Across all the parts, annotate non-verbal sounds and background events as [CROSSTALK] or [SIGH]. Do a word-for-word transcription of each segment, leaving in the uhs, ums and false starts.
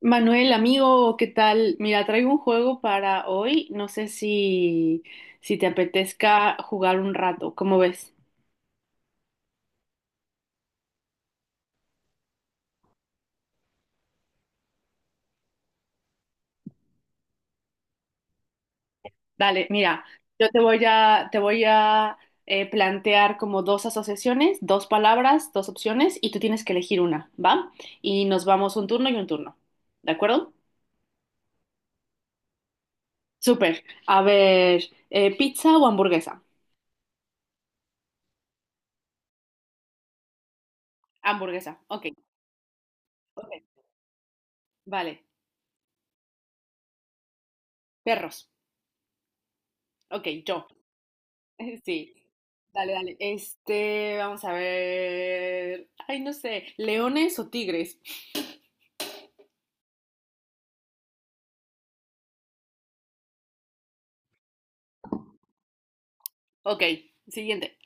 Manuel, amigo, ¿qué tal? Mira, traigo un juego para hoy. No sé si, si te apetezca jugar un rato. ¿Cómo ves? Dale, mira, yo te voy a, te voy a eh, plantear como dos asociaciones, dos palabras, dos opciones, y tú tienes que elegir una, ¿va? Y nos vamos un turno y un turno. ¿De acuerdo? Súper. A ver, eh, ¿pizza o hamburguesa? Hamburguesa, ok. Ok. Vale. Perros. Ok, yo. [LAUGHS] Sí, dale, dale. Este, vamos a ver. Ay, no sé, ¿leones o tigres? Ok, siguiente.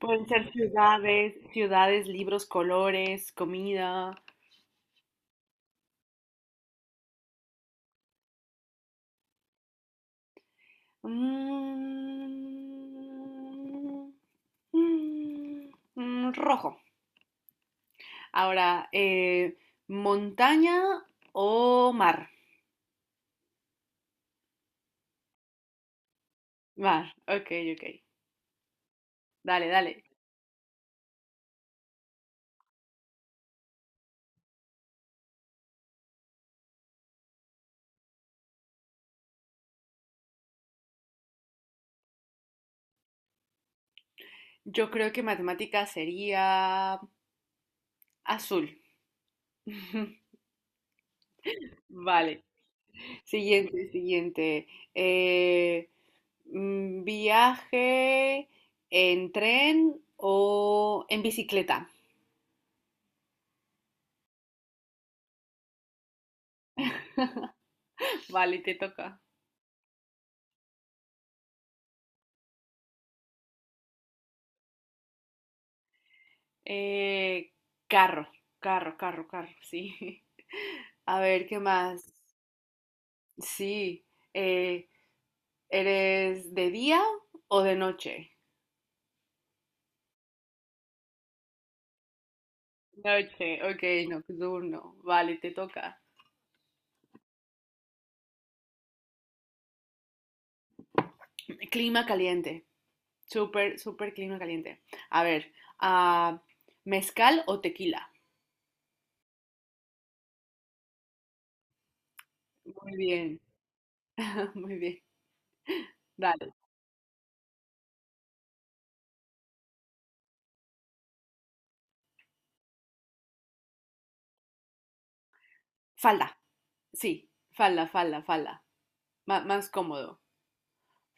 Pueden ser ciudades, ciudades, libros, colores, comida. Mm, mm, mm, rojo. Ahora, eh, montaña o mar. Mar, ok, ok. Dale, dale. Yo creo que matemática sería azul. [LAUGHS] Vale. Siguiente, siguiente. Eh, mm, viaje en tren o en bicicleta. Vale, te toca. Eh, carro, carro, carro, carro, sí. [LAUGHS] A ver, ¿qué más? Sí. eh, ¿Eres de día o de noche? Noche, ok, nocturno. Vale, te toca. Clima caliente. Súper, súper clima caliente. A ver, ah, ¿mezcal o tequila? Muy bien, [LAUGHS] muy bien. Dale. Falda. Sí, falda, falda, falda. Má- más cómodo.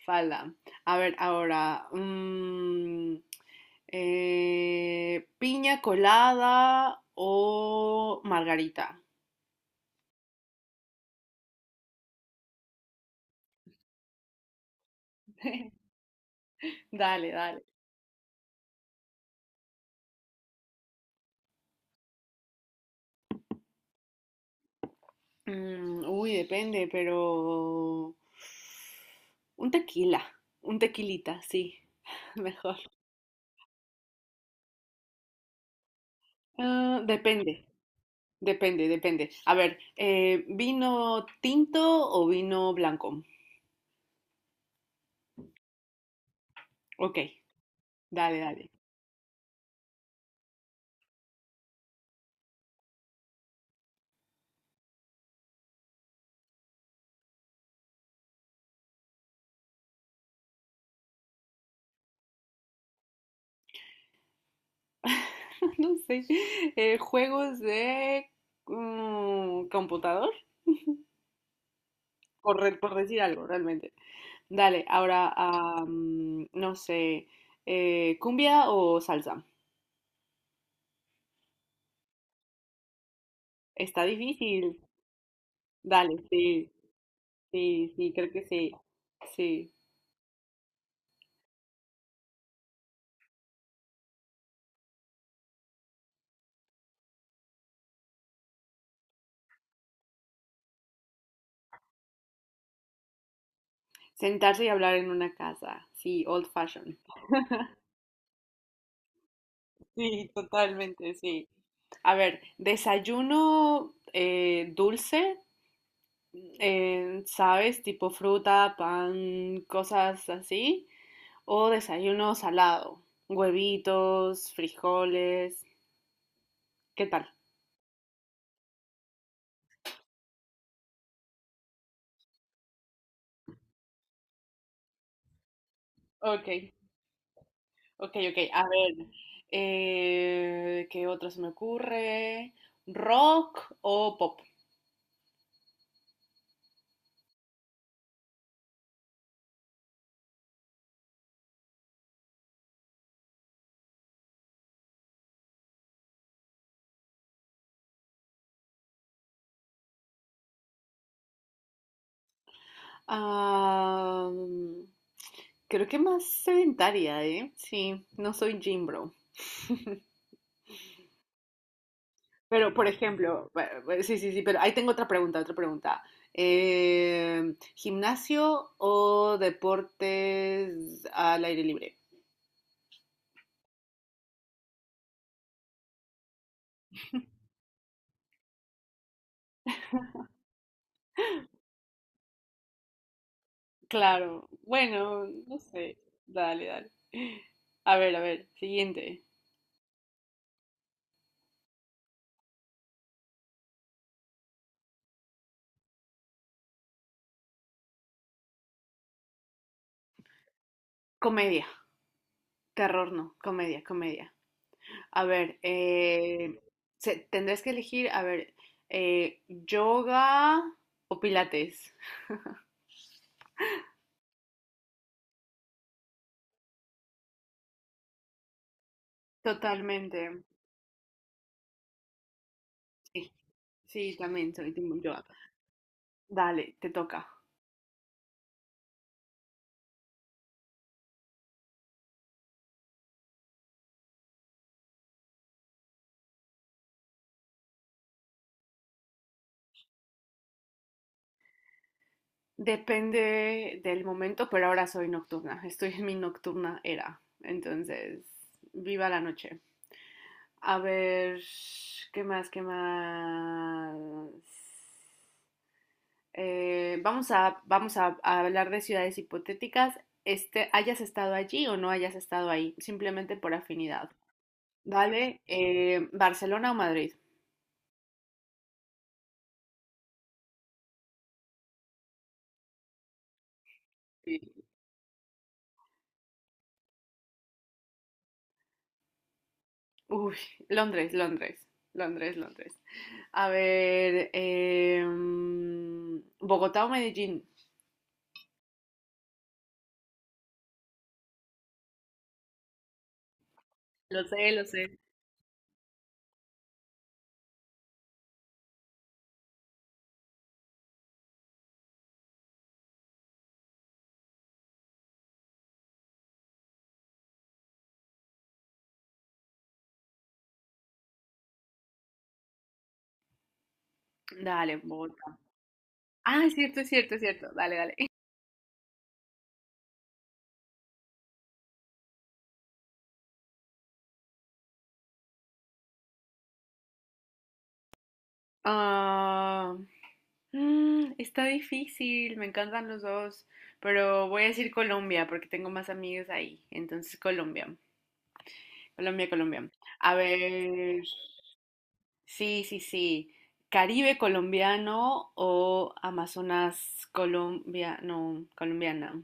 Falda. A ver, ahora. Mm, eh, ¿piña colada o margarita? [LAUGHS] Dale, dale. Mm, uy, depende, pero... Un tequila. Un tequilita, sí. [LAUGHS] Mejor. Ah, depende. Depende, depende. A ver, eh, ¿vino tinto o vino blanco? Ok, dale, dale. [LAUGHS] No sé. Eh, ¿juegos de mm, computador? Por, re- por decir algo, realmente. Dale, ahora, ah, mm, no sé. Eh, ¿cumbia o salsa? Está difícil. Dale, sí, sí, sí, creo que sí. Sí. Sentarse y hablar en una casa. Sí, old fashion. Sí, totalmente, sí. A ver, desayuno eh, dulce, eh, ¿sabes? Tipo fruta, pan, cosas así. O desayuno salado, huevitos, frijoles. ¿Qué tal? Ok, ok, ok. A ver, eh, ¿qué otro se me ocurre? ¿Rock o pop? Ah, mm, creo que más sedentaria, ¿eh? Sí, no soy gym bro. [LAUGHS] Pero, por ejemplo, bu- bu- sí, sí, sí, pero ahí tengo otra pregunta, otra pregunta. Eh, ¿gimnasio o deportes al aire libre? Claro, bueno, no sé. Dale, dale. A ver, a ver, siguiente. Comedia, terror no, comedia, comedia. A ver, eh, se- tendrás que elegir, a ver, eh, ¿yoga o pilates? Totalmente. Sí, sí, también soy team yoga. Dale, te toca. Depende del momento, pero ahora soy nocturna. Estoy en mi nocturna era. Entonces, viva la noche. A ver, ¿qué más? ¿Qué más? Eh, vamos a, vamos a, a hablar de ciudades hipotéticas, este, hayas estado allí o no hayas estado ahí, simplemente por afinidad. Vale, eh, ¿Barcelona o Madrid? Sí. Uy, Londres, Londres, Londres, Londres. A ver, em, ¿Bogotá o Medellín? Lo sé, lo sé. Dale, Bogotá. Ah, es cierto, es cierto, es cierto. Dale, dale. Ah, mm, está difícil, me encantan los dos, pero voy a decir Colombia porque tengo más amigos ahí. Entonces, Colombia, Colombia, Colombia. A ver, sí, sí, sí. ¿Caribe colombiano o Amazonas colombiano, colombiana?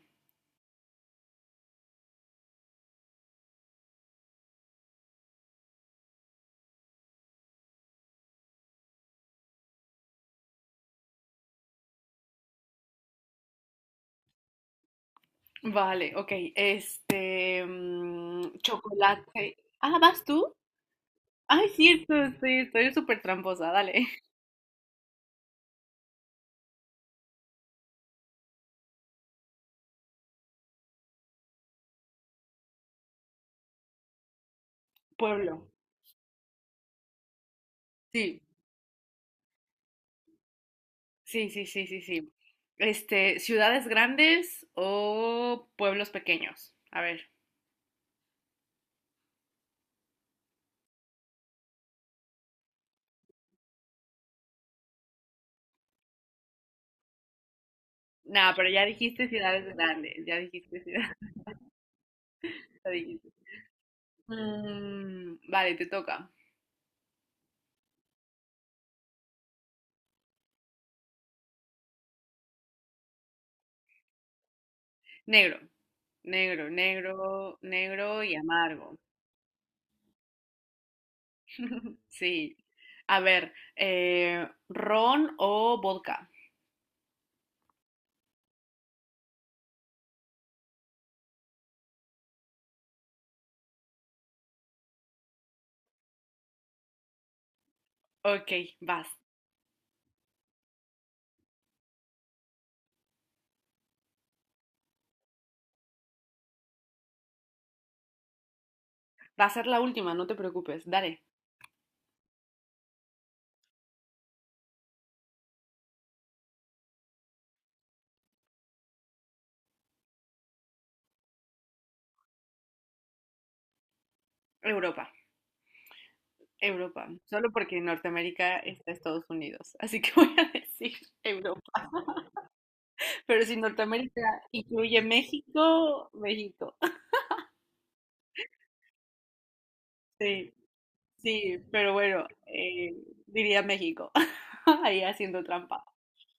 Vale, ok. Este, mm, chocolate. Ah, ¿vas tú? Ay, cierto, sí, estoy súper tramposa, dale. [LAUGHS] Pueblo. Sí. Sí, sí, sí, sí, sí. Este, ¿ciudades grandes o pueblos pequeños? A ver. No, pero ya dijiste ciudades grandes, ya dijiste ciudades. [LAUGHS] Ya dijiste. Mm, vale, te toca. Negro, negro, negro, negro y amargo. Sí. A ver, eh, ¿ron o vodka? Ok, vas. Va a ser la última, no te preocupes. Dale. Europa, Europa. Solo porque en Norteamérica está Estados Unidos. Así que [LAUGHS] voy a decir Europa. Pero si Norteamérica incluye México, México. Sí, sí, pero bueno, eh, diría México. [LAUGHS] Ahí haciendo trampa.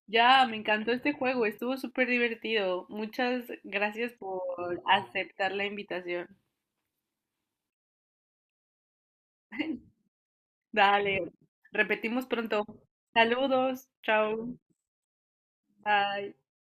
Ya, me encantó este juego, estuvo súper divertido. Muchas gracias por aceptar la invitación. Dale, repetimos pronto. Saludos, chao, bye.